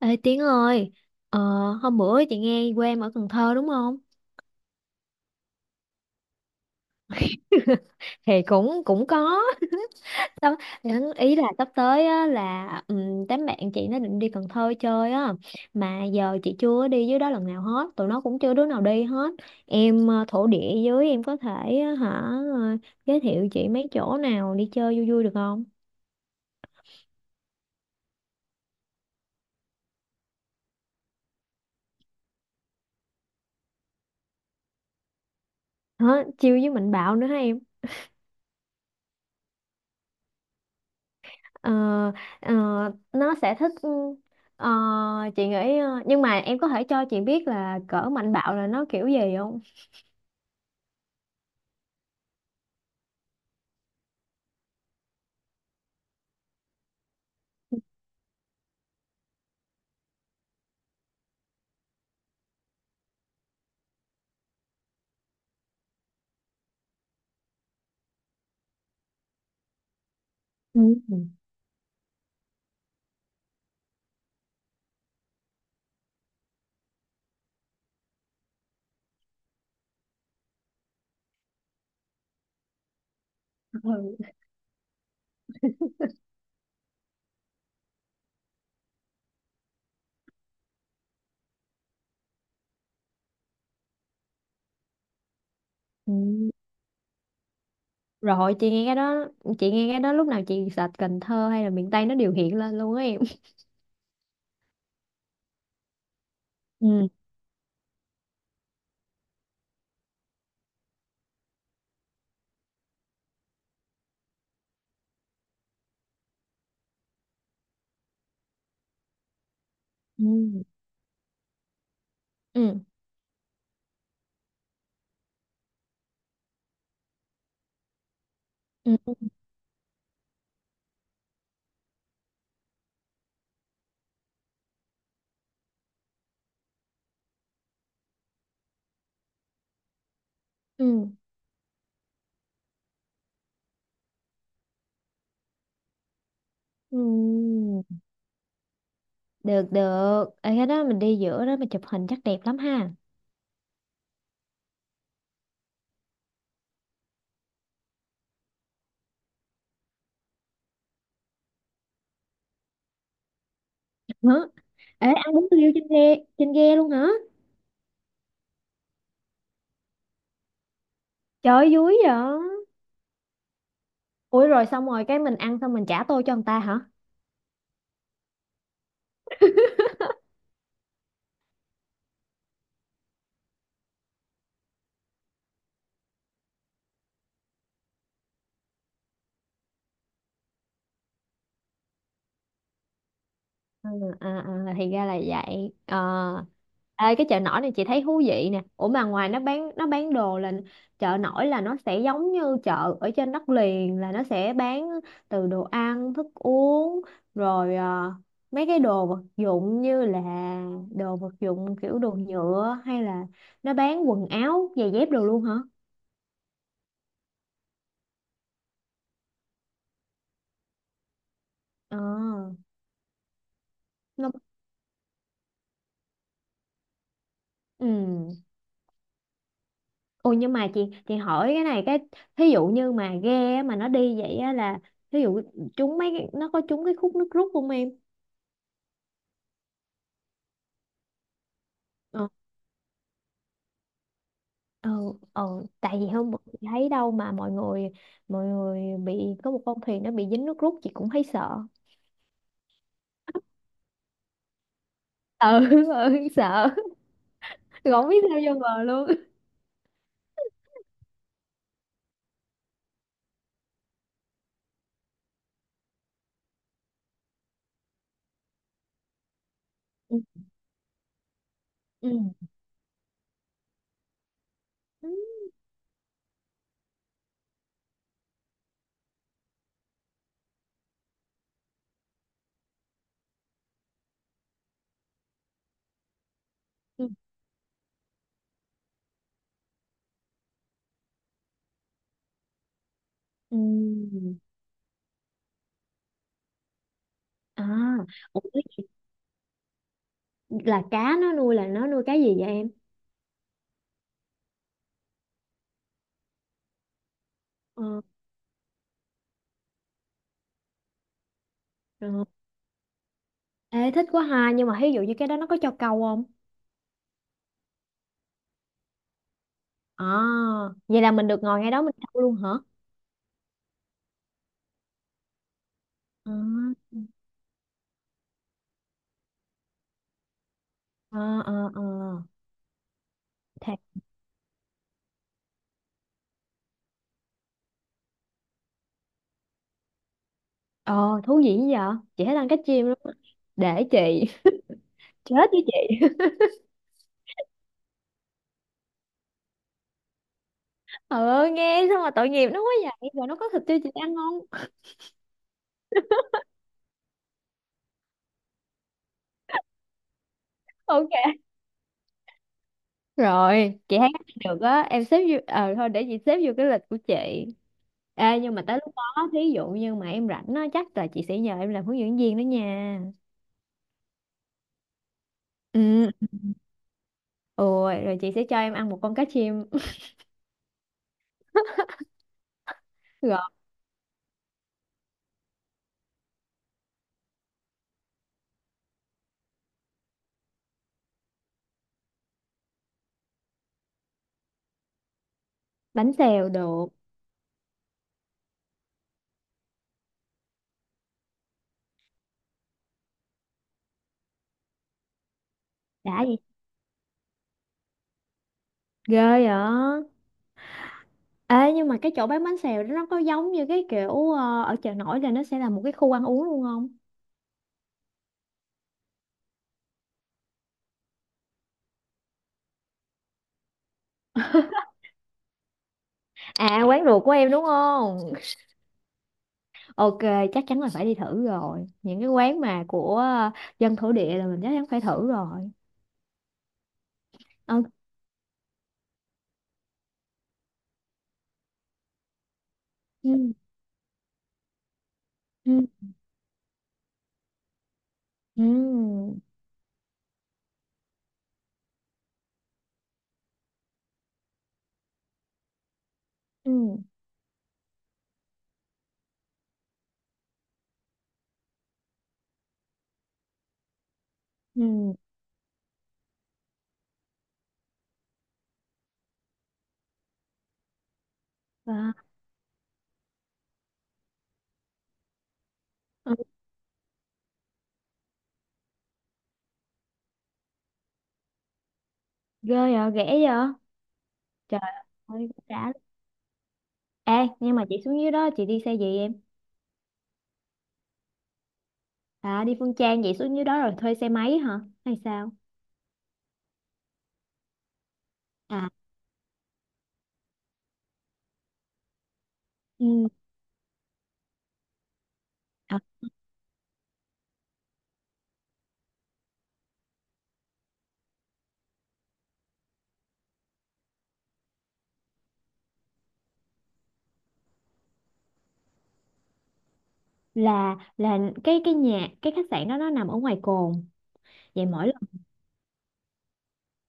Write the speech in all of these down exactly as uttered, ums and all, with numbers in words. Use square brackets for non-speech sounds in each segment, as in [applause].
Ê Tiến ơi, ờ, hôm bữa chị nghe quê em ở Cần Thơ đúng không? [laughs] Thì cũng cũng có. [laughs] Sắp- Ý là sắp tới á, là um, đám bạn chị nó định đi Cần Thơ chơi á, mà giờ chị chưa đi dưới đó lần nào hết, tụi nó cũng chưa đứa nào đi hết. Em ờ, thổ địa dưới em có thể á, hả ờ, giới thiệu chị mấy chỗ nào đi chơi vui vui được không? Hả? Chiêu với Mạnh Bạo nữa hả em? Ờ, ờ, nó sẽ thích ừ, ờ, chị nghĩ ờ, nhưng mà em có thể cho chị biết là cỡ mạnh bạo là nó kiểu gì không? Ừ. Ừ. Ừ. Rồi chị nghe cái đó chị nghe cái đó lúc nào chị search Cần Thơ hay là miền Tây nó đều hiện lên luôn á em. Ừ. Ừ. Ừ. Ừ. Ừ. Ừ. Được được. Ở cái đó mình đi giữa đó mình chụp hình chắc đẹp lắm ha. Hả? Ê ăn bún riêu trên ghe trên ghe luôn hả? Trời ơi, vui vậy. Ủa rồi xong rồi cái mình ăn xong mình trả tô cho người ta hả? À, à, à, thì ra là vậy. Ờ. Ê, cái chợ nổi này chị thấy thú vị nè. Ủa mà ngoài nó bán nó bán đồ là chợ nổi là nó sẽ giống như chợ ở trên đất liền là nó sẽ bán từ đồ ăn, thức uống rồi ờ, mấy cái đồ vật dụng như là đồ vật dụng kiểu đồ nhựa hay là nó bán quần áo, giày dép đồ luôn hả? Ờ. Nó ừ. Ồ nhưng mà chị chị hỏi cái này cái thí dụ như mà ghe á, mà nó đi vậy á là thí dụ trúng mấy cái- nó có trúng cái khúc nước rút không em? Ờ ờ ờ tại vì hôm bữa chị thấy đâu mà mọi người mọi người bị có một con thuyền nó bị dính nước rút chị cũng thấy sợ. Ờ [laughs] ừ, sợ [laughs] Rồi không biết sao vô bờ luôn. Ừ ừ ừ. Ừ. Ừ. À, ủa, cái- là cá nó nuôi là nó nuôi cá gì vậy em? Ờ, ờ. Ê, thích quá ha nhưng mà ví dụ như cái đó nó có cho câu không? À, vậy là mình được ngồi ngay đó mình thâu luôn hả? À, à, à, à. Thế, ờ, thú vị dữ vậy? Chị thích ăn cá chim lắm á. Để chị. [laughs] Chết với chị. [laughs] Ờ, nghe sao mà tội nghiệp nó quá vậy? Rồi nó có thịt tiêu chị ăn không? Ok. Rồi, chị thấy cách này được á. Em xếp vô... Ờ, thôi để chị xếp vô cái lịch của chị. Ê, nhưng mà tới lúc đó, thí dụ như mà em rảnh á, chắc là chị sẽ nhờ em làm hướng dẫn viên đó nha. Ừ. Ôi, rồi chị sẽ cho em ăn một con cá chim. [laughs] Rồi, bánh xèo được. Đã gì ghê vậy. Ê nhưng mà cái chỗ bán bánh xèo đó nó có giống như cái kiểu ờ, ở chợ nổi là nó sẽ là một cái khu ăn uống luôn không? À quán ruột của em đúng không? [laughs] Ok, chắc chắn là phải đi thử rồi những cái quán mà của ờ, dân thổ địa là mình chắc chắn phải thử rồi. Ok. Ừ. Ừ. Ừ. Ừ. Ừ. Và- ừ, ghê vậy rẻ vậy. Trời ơi đã. Ê nhưng mà chị xuống dưới đó chị đi xe gì em? À đi Phương Trang vậy xuống dưới đó rồi thuê xe máy hả hay sao? À, ừ. là là cái cái nhà cái khách sạn đó nó nằm ở ngoài cồn. Vậy mỗi lần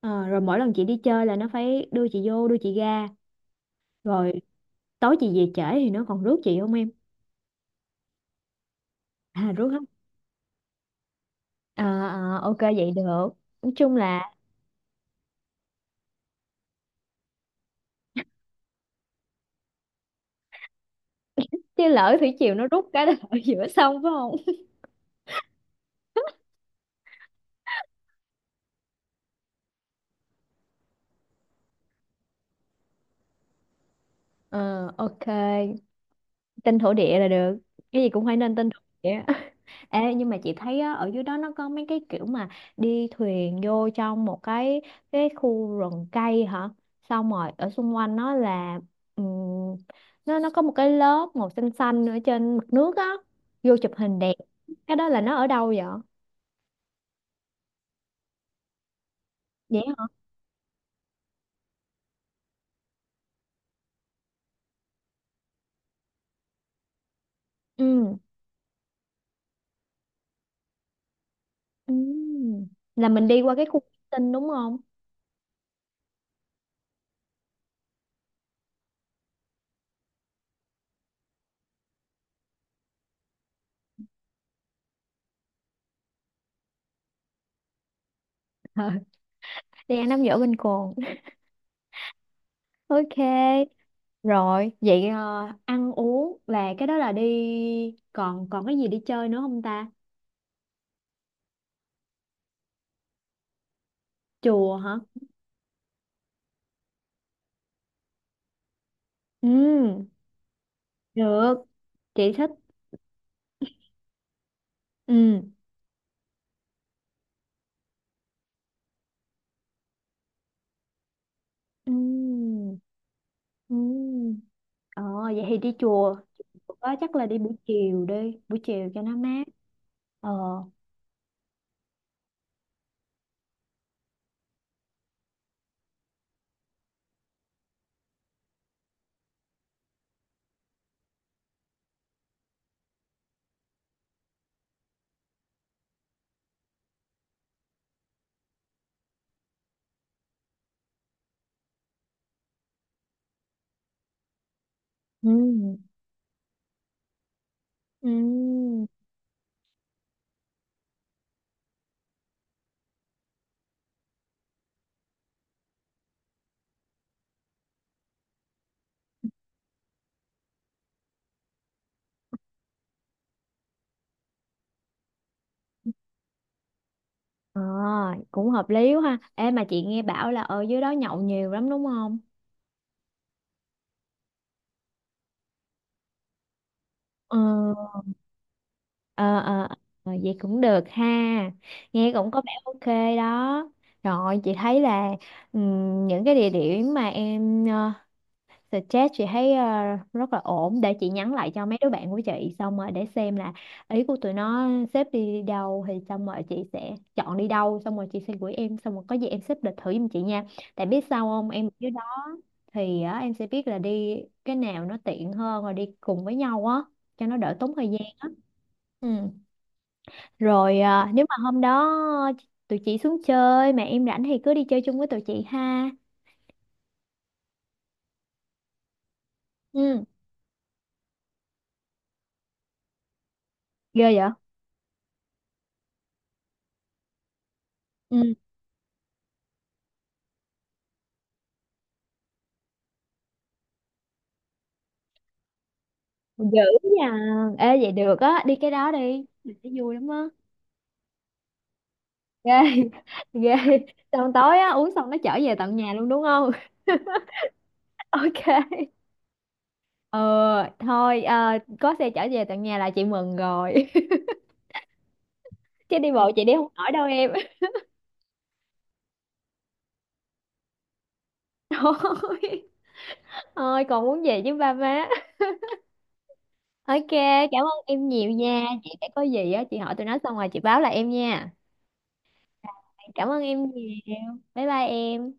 ờ, rồi mỗi lần chị đi chơi là nó phải đưa chị vô đưa chị ra rồi tối chị về trễ thì nó còn rước chị không em? À rước không? À, à, ok vậy được, nói chung là chứ lỡ thủy triều nó rút cái là [laughs] ở giữa sông phải không? [laughs] ờ ok. Tin thổ địa là được, cái gì cũng phải nên tin thổ địa. [laughs] Ê, nhưng mà chị thấy á, ở dưới đó nó có mấy cái kiểu mà đi thuyền vô trong một cái cái khu rừng cây hả xong rồi ở xung quanh nó là ừm, nó nó có một cái lớp màu xanh xanh ở trên mặt nước á, vô chụp hình đẹp. Cái đó là nó ở đâu vậy? Vậy hả? Ừ. Ừ. Là mình đi qua cái khu tinh đúng không? Ờ, [laughs] đi ăn nắm dở bên cồn [laughs] ok. Rồi, vậy ờ, ăn uống là cái đó là đi còn còn cái gì đi chơi nữa không ta? Chùa hả? Ừ, được. Chị thích. Ừ. Ừ. Ừ. Ờ vậy thì đi chùa. Có chắc là đi buổi chiều đi, buổi chiều cho nó mát. Ờ. Ừ. Ừ. Ờ, cũng hợp lý quá ha. Ê mà chị nghe bảo là ở dưới đó nhậu nhiều lắm đúng không? Ờ. ờ ờ ờ, vậy cũng được ha, nghe cũng có vẻ ok đó. Rồi chị thấy là ừm, những cái địa điểm mà em ờ, suggest chị thấy ờ, rất là ổn để chị nhắn lại cho mấy đứa bạn của chị xong rồi để xem là ý của tụi nó xếp đi đâu thì xong rồi chị sẽ chọn đi đâu xong rồi chị sẽ gửi em xong rồi có gì em xếp lịch thử giùm chị nha, tại biết sao không em ở dưới đó thì á, em sẽ biết là đi cái nào nó tiện hơn rồi đi cùng với nhau á cho nó đỡ tốn thời gian á. Ừ. Rồi à, nếu mà hôm đó tụi chị xuống chơi mà em rảnh thì cứ đi chơi chung với tụi chị ha. Ừ, ghê vậy? Ừ, dữ nha. Ê vậy được á, đi cái đó đi. Mình thấy vui lắm á. Ghê, [laughs] ghê. Xong tối á, uống xong nó chở về tận nhà luôn đúng không? [laughs] Ok. Ờ, thôi à, có xe chở về tận nhà là chị mừng rồi. [laughs] Chứ đi bộ chị đi không nổi đâu em. [laughs] Thôi. Thôi còn muốn về với ba má. Ok, cảm ơn em nhiều nha. Chị sẽ có gì á, chị hỏi tụi nó xong rồi chị báo lại em nha. Cảm ơn em nhiều. Bye bye em.